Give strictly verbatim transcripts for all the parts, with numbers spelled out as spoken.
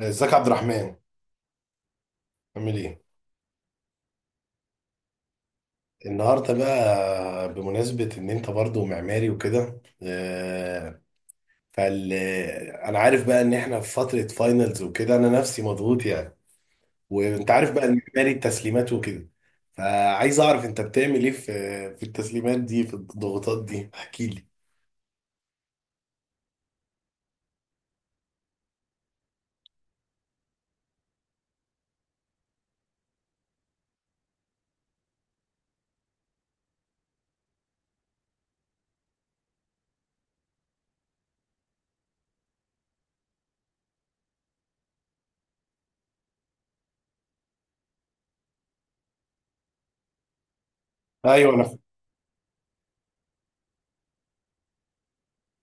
ازيك يا عبد الرحمن؟ عامل ايه؟ النهارده بقى بمناسبة ان انت برضو معماري وكده آه، فال. انا عارف بقى ان احنا في فترة فاينلز وكده انا نفسي مضغوط يعني. وانت عارف بقى المعماري التسليمات وكده. فعايز اعرف انت بتعمل ايه في في التسليمات دي في الضغوطات دي، احكي لي. ايوه، انا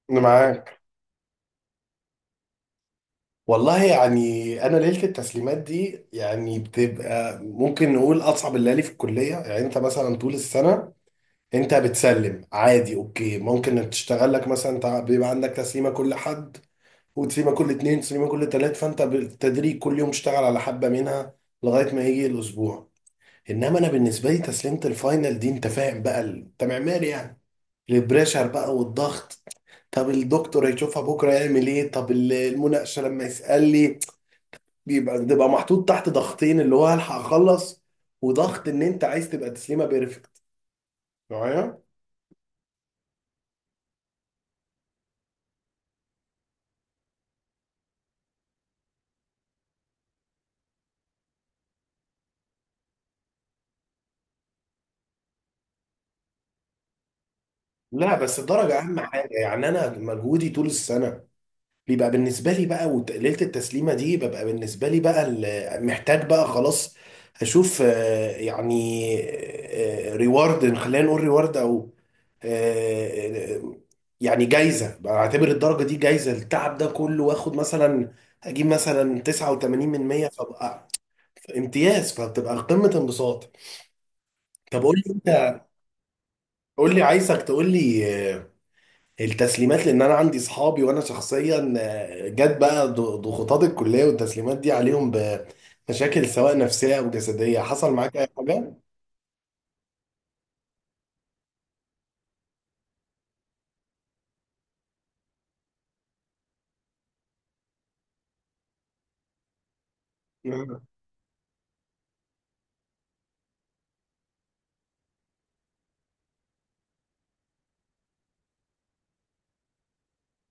انا معاك. والله يعني انا ليله التسليمات دي يعني بتبقى ممكن نقول اصعب الليالي في الكليه، يعني انت مثلا طول السنه انت بتسلم عادي، اوكي، ممكن انك تشتغل لك مثلا تع- بيبقى عندك تسليمه كل حد وتسليمه كل اتنين تسليمه كل تلات، فانت بالتدريج كل يوم اشتغل على حبه منها لغايه ما يجي الاسبوع. انما انا بالنسبه لي تسليمه الفاينل دي، انت فاهم بقى، ال- انت معماري يعني. البريشر بقى والضغط. طب الدكتور هيشوفها بكره يعمل ايه؟ طب ال- المناقشه لما يسال لي. بيبقى بتبقى محطوط تحت ضغطين، اللي هو هلحق اخلص، وضغط ان انت عايز تبقى تسليمه بيرفكت. لا بس الدرجة أهم حاجة يعني. أنا مجهودي طول السنة بيبقى بالنسبة لي بقى، وت- ليلة التسليمة دي ببقى بالنسبة لي بقى ال- محتاج بقى خلاص أشوف، آه، يعني ريورد، خلينا نقول ريورد، أو آه، آه، يعني جايزة. بعتبر الدرجة دي جايزة التعب ده كله، وآخد مثلا، أجيب مثلا تسعة وثمانين من مية، فبقى امتياز، فبتبقى قمة انبساط. طب قول لي أنت، قول لي، عايزك تقول لي آه، التسليمات. لان انا عندي اصحابي، وانا شخصيا آه، جت بقى ض- ضغوطات الكليه والتسليمات دي عليهم بمشاكل سواء نفسيه او جسديه، حصل معاك اي حاجه؟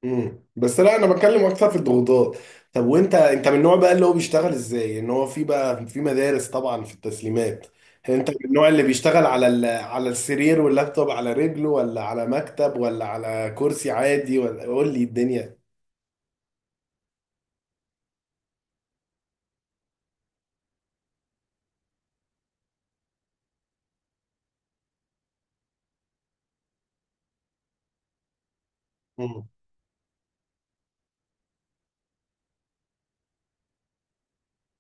امم بس لا انا بتكلم اكتر في الضغوطات. طب وانت، انت من النوع بقى اللي هو بيشتغل ازاي، ان هو في بقى في مدارس طبعا في التسليمات، انت من النوع اللي بيشتغل على ال... على السرير واللابتوب على رجله، ولا على مكتب، ولا على كرسي عادي، ولا قول لي الدنيا.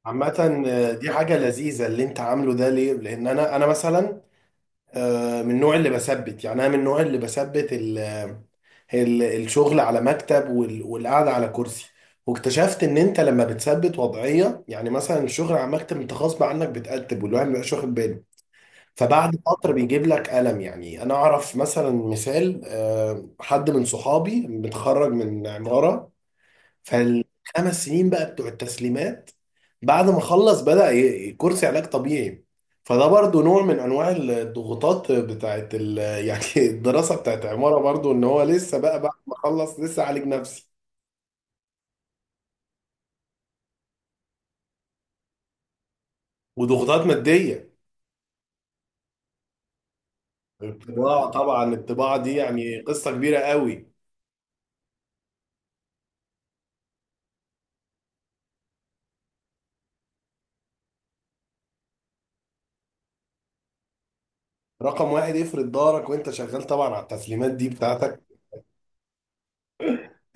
عامة آه، دي حاجة لذيذة اللي انت عامله ده، ليه؟ لأن أنا أنا مثلا آه، من النوع اللي بثبت، يعني أنا من النوع اللي بثبت ال- آه، ال- الشغل على مكتب وال- والقعدة على كرسي. واكتشفت إن أنت لما بتثبت وضعية، يعني مثلا الشغل على مكتب، أنت غصب عنك بتقتب، والواحد مبيبقاش واخد باله، فبعد فترة بيجيب لك ألم. يعني أنا أعرف مثلا مثال، آه، حد من صحابي متخرج من عمارة، فالخمس سنين بقى بتوع التسليمات بعد ما خلص بدأ ي- كرسي علاج طبيعي. فده برضو نوع من انواع الضغوطات بتاعت ال... يعني الدراسة بتاعت عمارة، برضو ان هو لسه بقى بعد ما خلص لسه عالج نفسي. وضغوطات مادية. الطباعة، طبعا الطباعة دي يعني قصة كبيرة قوي. رقم واحد، افرض ظهرك وانت شغال طبعا على التسليمات دي بتاعتك.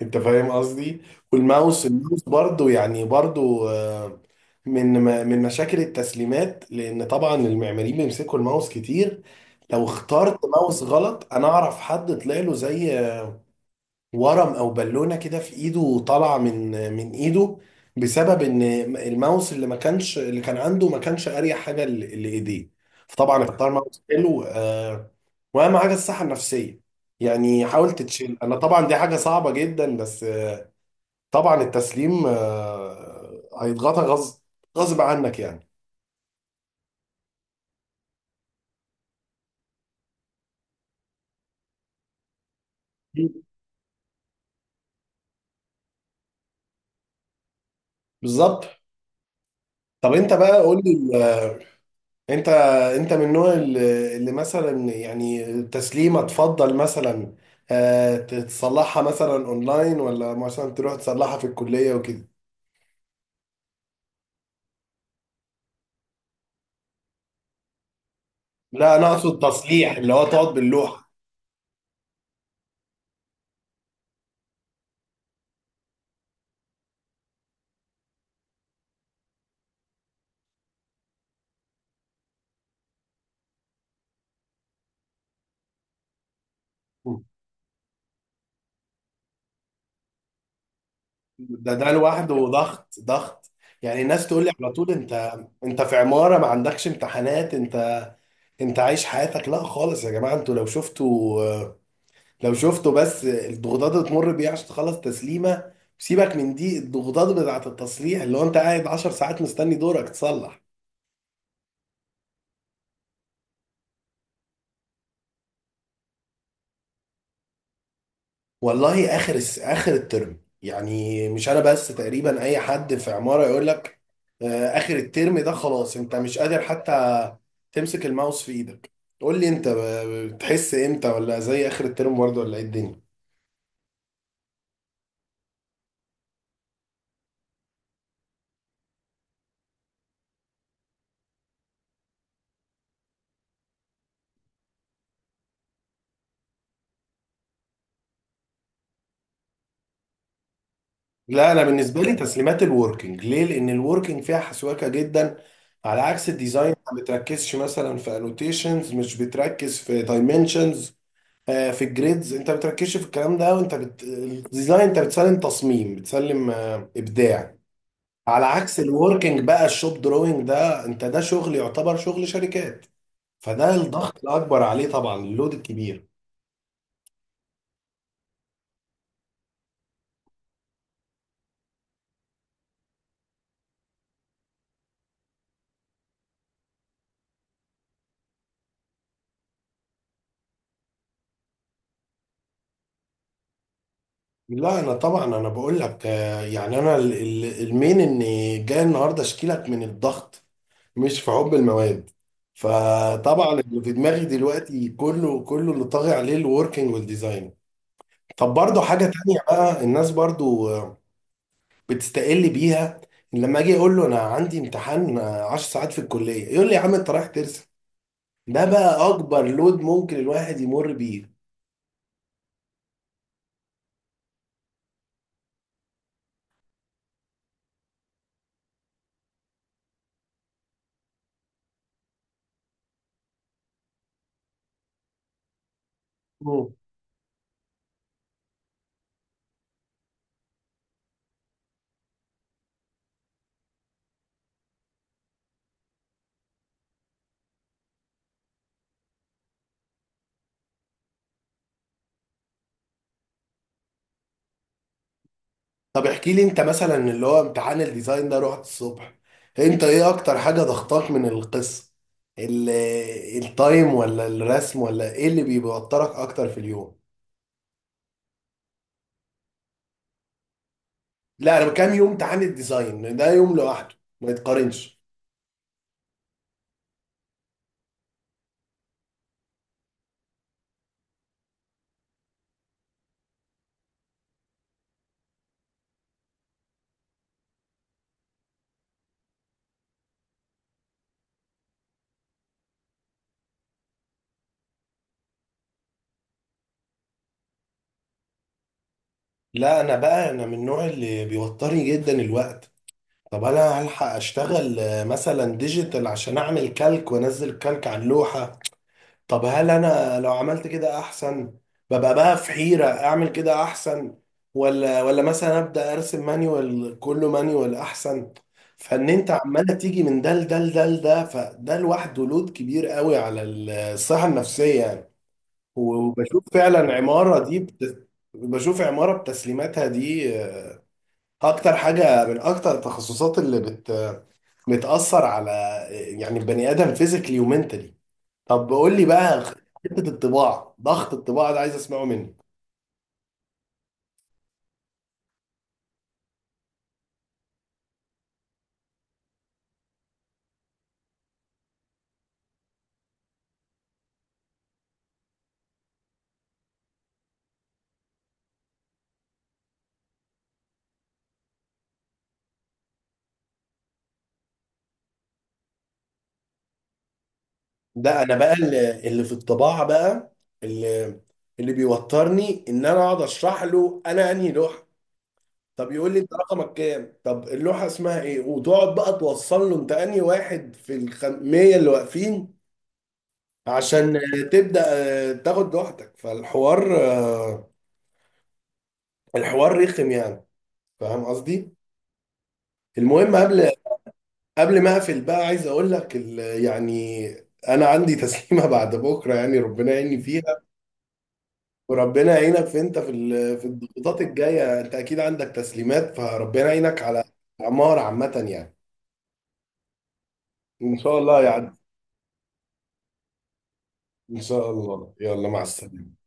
انت فاهم قصدي. والماوس، الماوس برضو، يعني برضو آه، من من مشاكل التسليمات. لان طبعا المعماريين بيمسكوا الماوس كتير، لو اخترت ماوس غلط. انا اعرف حد طلع له زي ورم او بالونه كده في ايده، طالعه من من ايده، بسبب ان الماوس اللي ما كانش، اللي كان عنده ما كانش اريح حاجه ل- لايديه. فطبعا اختار ماوس حلو. آه، واهم حاجه الصحه النفسيه يعني. حاول تتشيل. انا طبعا دي حاجه صعبه جدا، بس آه، طبعا التسليم آه، هيضغطك غصب، غصب عنك يعني. مم. بالظبط. طب انت بقى قول لي، آه، انت انت من النوع اللي اللي مثلا، يعني تسليمه تفضل مثلا آه، تتصلحها مثلا اونلاين، ولا مثلا تروح تصلحها في الكليه وكده؟ لا انا اقصد تصليح، اللي هو تقعد باللوحه. ده ده لوحده ضغط، ضغط يعني. الناس تقول لي على طول: انت انت في عماره ما عندكش امتحانات، انت انت عايش حياتك. لا خالص يا جماعه، انتوا لو شفتوا، لو شفتوا بس الضغوطات اللي تمر بيها عشان تخلص تسليمه. سيبك من دي الضغوطات بتاعه التصليح، اللي هو انت قاعد عشر ساعات مستني دورك تصلح. والله اخر الس- اخر الترم يعني. مش انا بس، تقريبا اي حد في عماره يقول لك آه، اخر الترم ده خلاص انت مش قادر حتى تمسك الماوس في ايدك. قول لي انت آه، بتحس امتى؟ ولا زي اخر الترم برضه؟ ولا ايه الدنيا؟ لا انا بالنسبه لي تسليمات الوركينج، ليه؟ لان الوركينج فيها حسواكه جدا على عكس الديزاين. ما بتركزش مثلا في انوتيشنز، مش بتركز في دايمنشنز، في الجريدز، انت ما بتركزش في الكلام ده. وانت بت... الديزاين انت بتسلم تصميم، بتسلم آه، ابداع. على عكس الوركينج بقى، الشوب دروينج ده، انت ده شغل يعتبر شغل شركات. فده الضغط الاكبر عليه طبعا، اللود الكبير. لا انا طبعا، انا بقول لك آه، يعني انا ال- ال- المين ان جاي النهارده اشكي لك من الضغط، مش في حب المواد. فطبعا اللي في دماغي دلوقتي كله كله اللي طاغي عليه الوركينج والديزاين. طب برضه حاجة تانية بقى، الناس برضه بتستقل بيها. لما اجي اقول له انا عندي امتحان عشر ساعات في الكلية يقول لي يا عم انت رايح ترسم. ده بقى اكبر لود ممكن الواحد يمر بيه. طب احكي لي انت مثلا، اللي هو امتحان الديزاين ده رحت الصبح، انت ايه اكتر حاجة ضغطاك من القصة؟ ال- التايم، ولا الرسم، ولا ايه اللي بيوترك اكتر في اليوم؟ لا انا بكام، يوم امتحان الديزاين ده يوم لوحده ما يتقارنش. لا انا بقى، انا من النوع اللي بيوترني جدا الوقت. طب انا هلحق اشتغل آه، مثلا ديجيتال عشان اعمل كالك وانزل كالك على اللوحة. طب هل انا لو عملت كده احسن؟ ببقى بقى في حيرة، اعمل كده احسن، ولا، ولا مثلا ابدا ارسم مانيوال، كله مانيوال احسن. فان انت عمالة تيجي من ده لده لده لده، فده لوحده لود كبير قوي على الصحة النفسية يعني. وبشوف فعلا عمارة دي بت... بشوف عمارة بتسليماتها دي اكتر حاجة من اكتر التخصصات اللي بت... بتأثر على يعني البني ادم فيزيكلي ومنتلي. طب قول لي بقى، حته الطباعه، ضغط الطباعه ده عايز اسمعه منك. ده انا بقى اللي اللي في الطباعه بقى اللي اللي بيوترني ان انا اقعد اشرح له انا انهي لوحه. طب يقول لي انت رقمك كام؟ طب اللوحه اسمها ايه؟ وتقعد بقى توصل له انت انهي واحد في الخمية اللي واقفين عشان تبدا آه، تاخد لوحتك. فالحوار، آه، الحوار رخم يعني، فاهم قصدي. المهم، قبل قبل ما اقفل بقى عايز اقول لك، ال- يعني انا عندي تسليمه بعد بكره يعني، ربنا يعيني فيها. وربنا يعينك في، انت في ال- في الضغوطات الجايه، انت اكيد عندك تسليمات، فربنا يعينك على عمار عامه يعني. ان شاء الله يعدي، ان شاء الله، يلا مع السلامه.